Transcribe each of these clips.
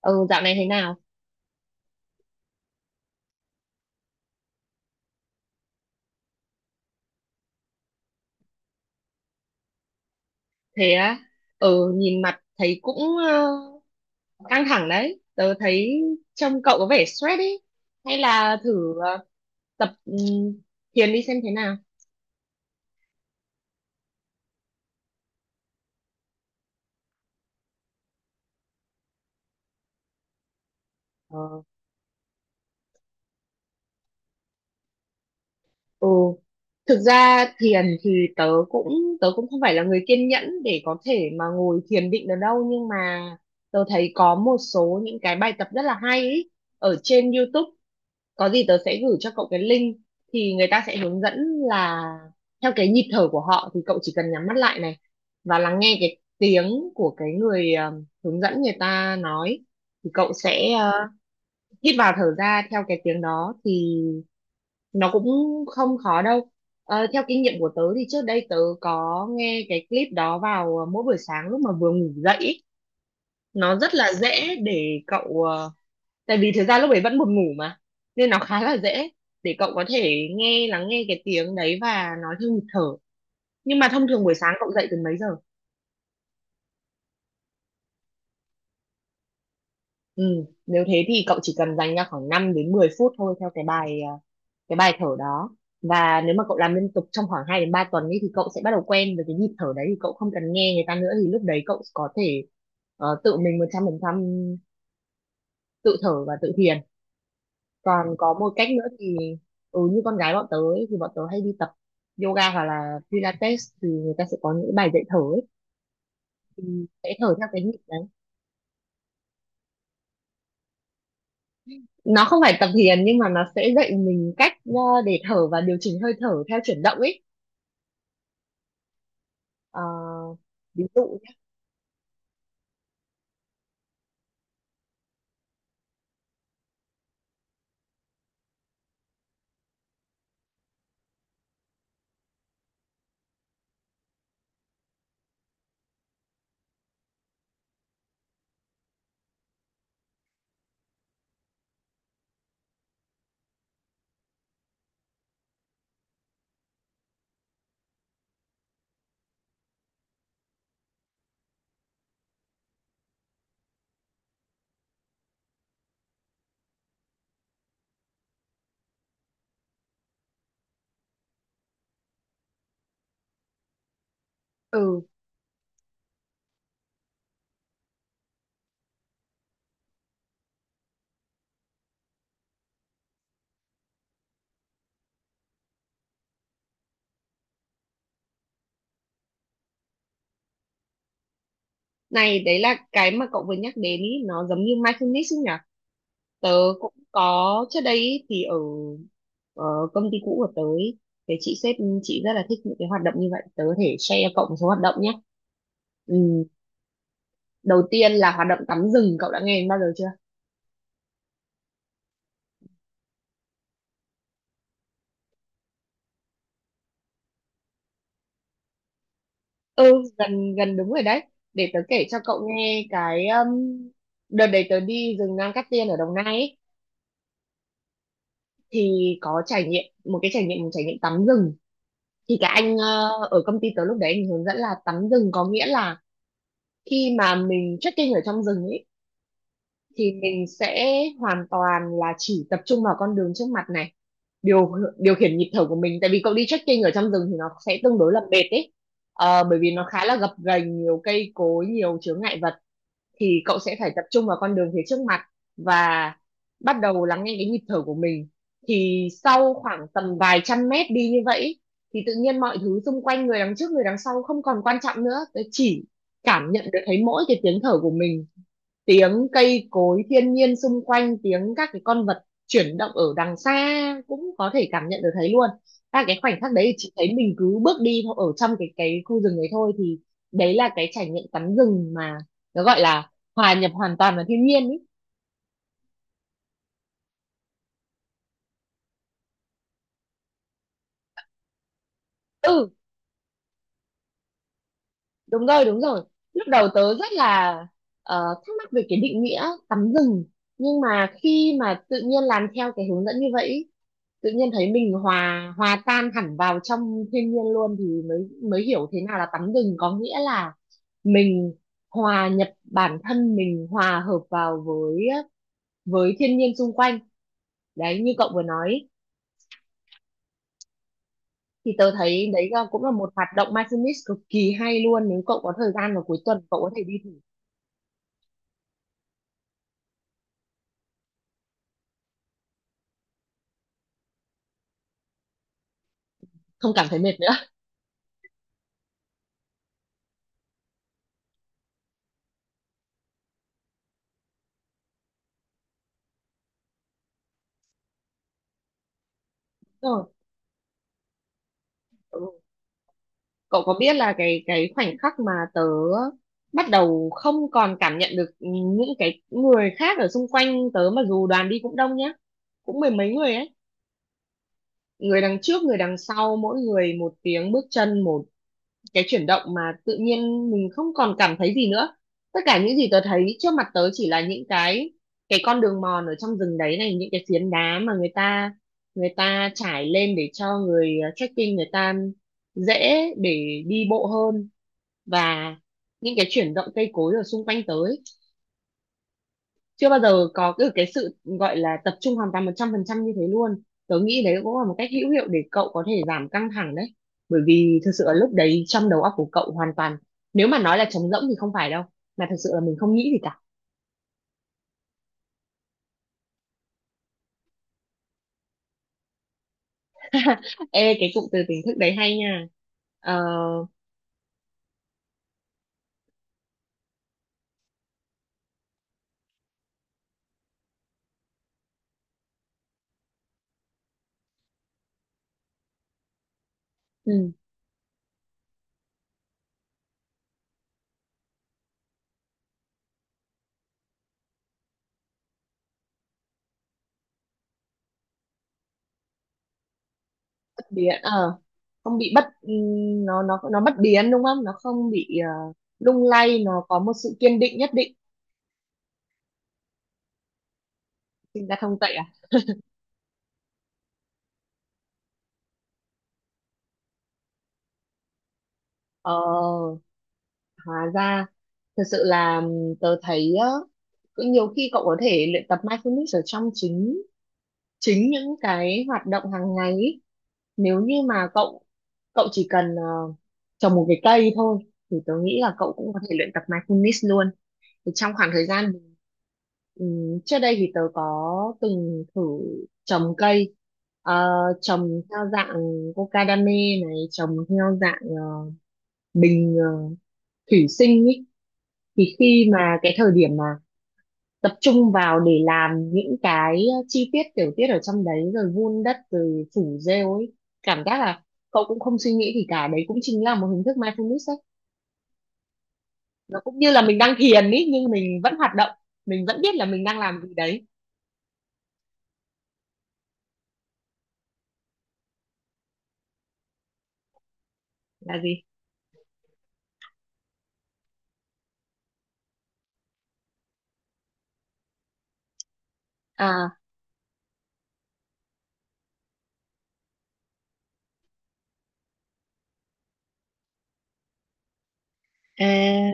Ừ, dạo này thế nào? Thế á? Ừ, nhìn mặt thấy cũng ờ, căng thẳng đấy, tớ thấy trông cậu có vẻ stress ấy. Hay là thử tập thiền đi xem thế nào? ờ, ừ Thực ra thiền thì tớ cũng không phải là người kiên nhẫn để có thể mà ngồi thiền định được đâu, nhưng mà tớ thấy có một số những cái bài tập rất là hay ấy ở trên YouTube. Có gì tớ sẽ gửi cho cậu cái link, thì người ta sẽ hướng dẫn là theo cái nhịp thở của họ, thì cậu chỉ cần nhắm mắt lại này và lắng nghe cái tiếng của cái người hướng dẫn, người ta nói thì cậu sẽ hít vào thở ra theo cái tiếng đó, thì nó cũng không khó đâu. Ờ, theo kinh nghiệm của tớ thì trước đây tớ có nghe cái clip đó vào mỗi buổi sáng lúc mà vừa ngủ dậy ý. Nó rất là dễ để cậu tại vì thực ra lúc ấy vẫn buồn ngủ mà nên nó khá là dễ để cậu có thể nghe lắng nghe cái tiếng đấy và nói theo nhịp thở. Nhưng mà thông thường buổi sáng cậu dậy từ mấy giờ? Ừ, nếu thế thì cậu chỉ cần dành ra khoảng 5 đến 10 phút thôi theo cái bài cái bài thở đó. Và nếu mà cậu làm liên tục trong khoảng 2 đến 3 tuần ấy thì cậu sẽ bắt đầu quen với cái nhịp thở đấy, thì cậu không cần nghe người ta nữa, thì lúc đấy cậu có thể tự mình 100% tự thở và tự thiền. Còn có một cách nữa thì như con gái bọn tớ ấy, thì bọn tớ hay đi tập yoga hoặc là pilates, thì người ta sẽ có những bài dạy thở ấy, thì sẽ thở theo cái nhịp đấy. Nó không phải tập thiền nhưng mà nó sẽ dạy mình cách để thở và điều chỉnh hơi thở theo chuyển động ấy. Ờ, Ví dụ nhé. Này, đấy là cái mà cậu vừa nhắc đến ý, nó giống như mindfulness ấy nhỉ? Tớ cũng có trước đây ý, thì ở ờ, công ty cũ của tớ ý, thì chị sếp, chị rất là thích những cái hoạt động như vậy. Tớ có thể share cho cậu một số hoạt động nhé. Ừ, đầu tiên là hoạt động tắm rừng, cậu đã nghe đến bao giờ chưa? Ừ, gần gần đúng rồi đấy. Để tớ kể cho cậu nghe cái đợt đấy tớ đi rừng Nam Cát Tiên ở Đồng Nai ấy, thì có trải nghiệm một cái trải nghiệm một trải nghiệm tắm rừng. Thì cả anh ở công ty tớ lúc đấy anh hướng dẫn là tắm rừng có nghĩa là khi mà mình trekking ở trong rừng ấy thì mình sẽ hoàn toàn là chỉ tập trung vào con đường trước mặt này, điều điều khiển nhịp thở của mình, tại vì cậu đi trekking ở trong rừng thì nó sẽ tương đối là mệt ấy. Ờ, bởi vì nó khá là gập ghềnh, nhiều cây cối, nhiều chướng ngại vật, thì cậu sẽ phải tập trung vào con đường phía trước mặt và bắt đầu lắng nghe cái nhịp thở của mình, thì sau khoảng tầm vài trăm mét đi như vậy ý, thì tự nhiên mọi thứ xung quanh, người đằng trước người đằng sau không còn quan trọng nữa, tớ chỉ cảm nhận được thấy mỗi cái tiếng thở của mình, tiếng cây cối thiên nhiên xung quanh, tiếng các cái con vật chuyển động ở đằng xa cũng có thể cảm nhận được thấy luôn. Và cái khoảnh khắc đấy thì chị thấy mình cứ bước đi thôi, ở trong cái khu rừng đấy thôi, thì đấy là cái trải nghiệm tắm rừng mà nó gọi là hòa nhập hoàn toàn vào thiên nhiên ý. Ừ, đúng rồi đúng rồi. Lúc đầu tớ rất là thắc mắc về cái định nghĩa tắm rừng, nhưng mà khi mà tự nhiên làm theo cái hướng dẫn như vậy, tự nhiên thấy mình hòa hòa tan hẳn vào trong thiên nhiên luôn, thì mới mới hiểu thế nào là tắm rừng, có nghĩa là mình hòa nhập bản thân, mình hòa hợp vào với thiên nhiên xung quanh, đấy như cậu vừa nói, thì tớ thấy đấy là cũng là một hoạt động mindfulness cực kỳ hay luôn, nếu cậu có thời gian vào cuối tuần cậu có thể đi thử. Không cảm thấy mệt nữa. Rồi. Ừ. Cậu có biết là cái khoảnh khắc mà tớ bắt đầu không còn cảm nhận được những cái người khác ở xung quanh tớ mà, dù đoàn đi cũng đông nhá, cũng mười mấy người ấy, người đằng trước người đằng sau, mỗi người một tiếng bước chân, một cái chuyển động mà tự nhiên mình không còn cảm thấy gì nữa. Tất cả những gì tớ thấy trước mặt tớ chỉ là những cái con đường mòn ở trong rừng đấy này, những cái phiến đá mà người ta trải lên để cho người trekking người ta dễ để đi bộ hơn, và những cái chuyển động cây cối ở xung quanh tớ ấy, chưa bao giờ có cái sự gọi là tập trung hoàn toàn 100% như thế luôn. Tớ nghĩ đấy cũng là một cách hữu hiệu để cậu có thể giảm căng thẳng đấy, bởi vì thực sự là lúc đấy trong đầu óc của cậu hoàn toàn, nếu mà nói là trống rỗng thì không phải đâu, mà thật sự là mình không nghĩ gì cả. Ê, cái cụm từ tỉnh thức đấy hay nha. Ờ. Ừ. Bất biến. Ờ không bị bất, nó bất biến, đúng không? Nó không bị lung lay, nó có một sự kiên định nhất định. Sinh ra thông tuệ à? Ờ. Hóa ra thật sự là tớ thấy á, cũng nhiều khi cậu có thể luyện tập mindfulness ở trong chính chính những cái hoạt động hàng ngày ý. Nếu như mà cậu cậu chỉ cần trồng một cái cây thôi thì tớ nghĩ là cậu cũng có thể luyện tập mindfulness luôn. Thì trong khoảng thời gian trước đây thì tớ có từng thử trồng cây, ờ, trồng theo dạng cocadame này, trồng theo dạng bình thủy sinh ý. Thì khi mà cái thời điểm mà tập trung vào để làm những cái chi tiết tiểu tiết ở trong đấy, rồi vun đất rồi phủ rêu ấy, cảm giác là cậu cũng không suy nghĩ thì cả đấy cũng chính là một hình thức mindfulness ấy. Nó cũng như là mình đang thiền ấy nhưng mình vẫn hoạt động, mình vẫn biết là mình đang làm gì đấy. Là gì? À. À.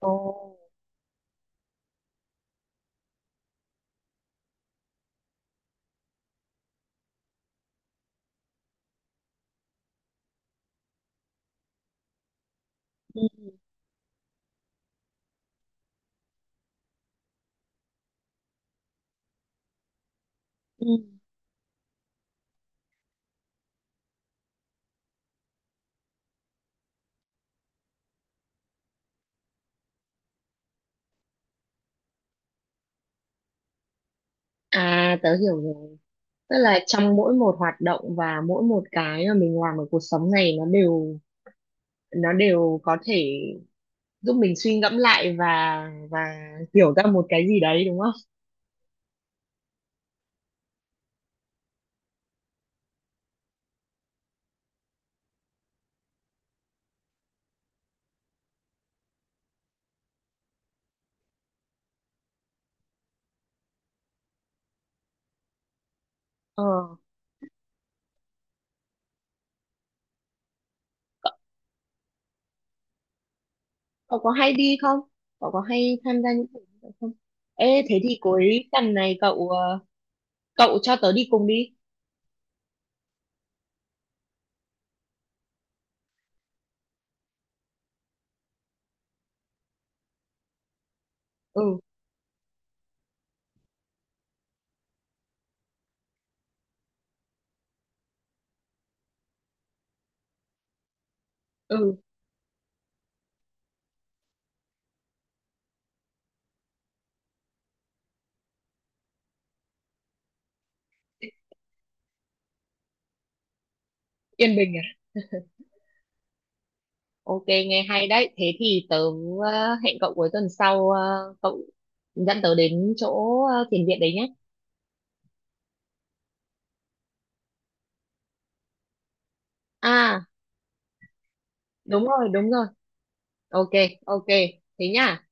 Ồ. Ừ. Ừ. À, tớ hiểu rồi. Tức là trong mỗi một hoạt động và mỗi một cái mà mình làm ở cuộc sống này, nó đều có thể giúp mình suy ngẫm lại và hiểu ra một cái gì đấy, đúng không? Ờ, cậu có hay đi không? Cậu có hay tham gia những buổi như vậy không? Ê, thế thì cuối tuần này cậu cho tớ đi cùng đi. Ừ, ừ, Yên Bình à? Ok, nghe hay đấy. Thế thì tớ hẹn cậu cuối tuần sau cậu dẫn tớ đến chỗ thiền viện đấy nhé. À, đúng rồi, đúng rồi. Ok, ok. Thế nhá.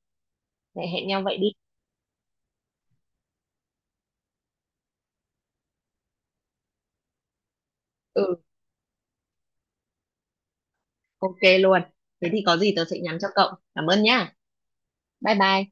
Lại hẹn nhau vậy đi. Ừ, ok luôn. Thế thì có gì tớ sẽ nhắn cho cậu. Cảm ơn nhá. Bye bye.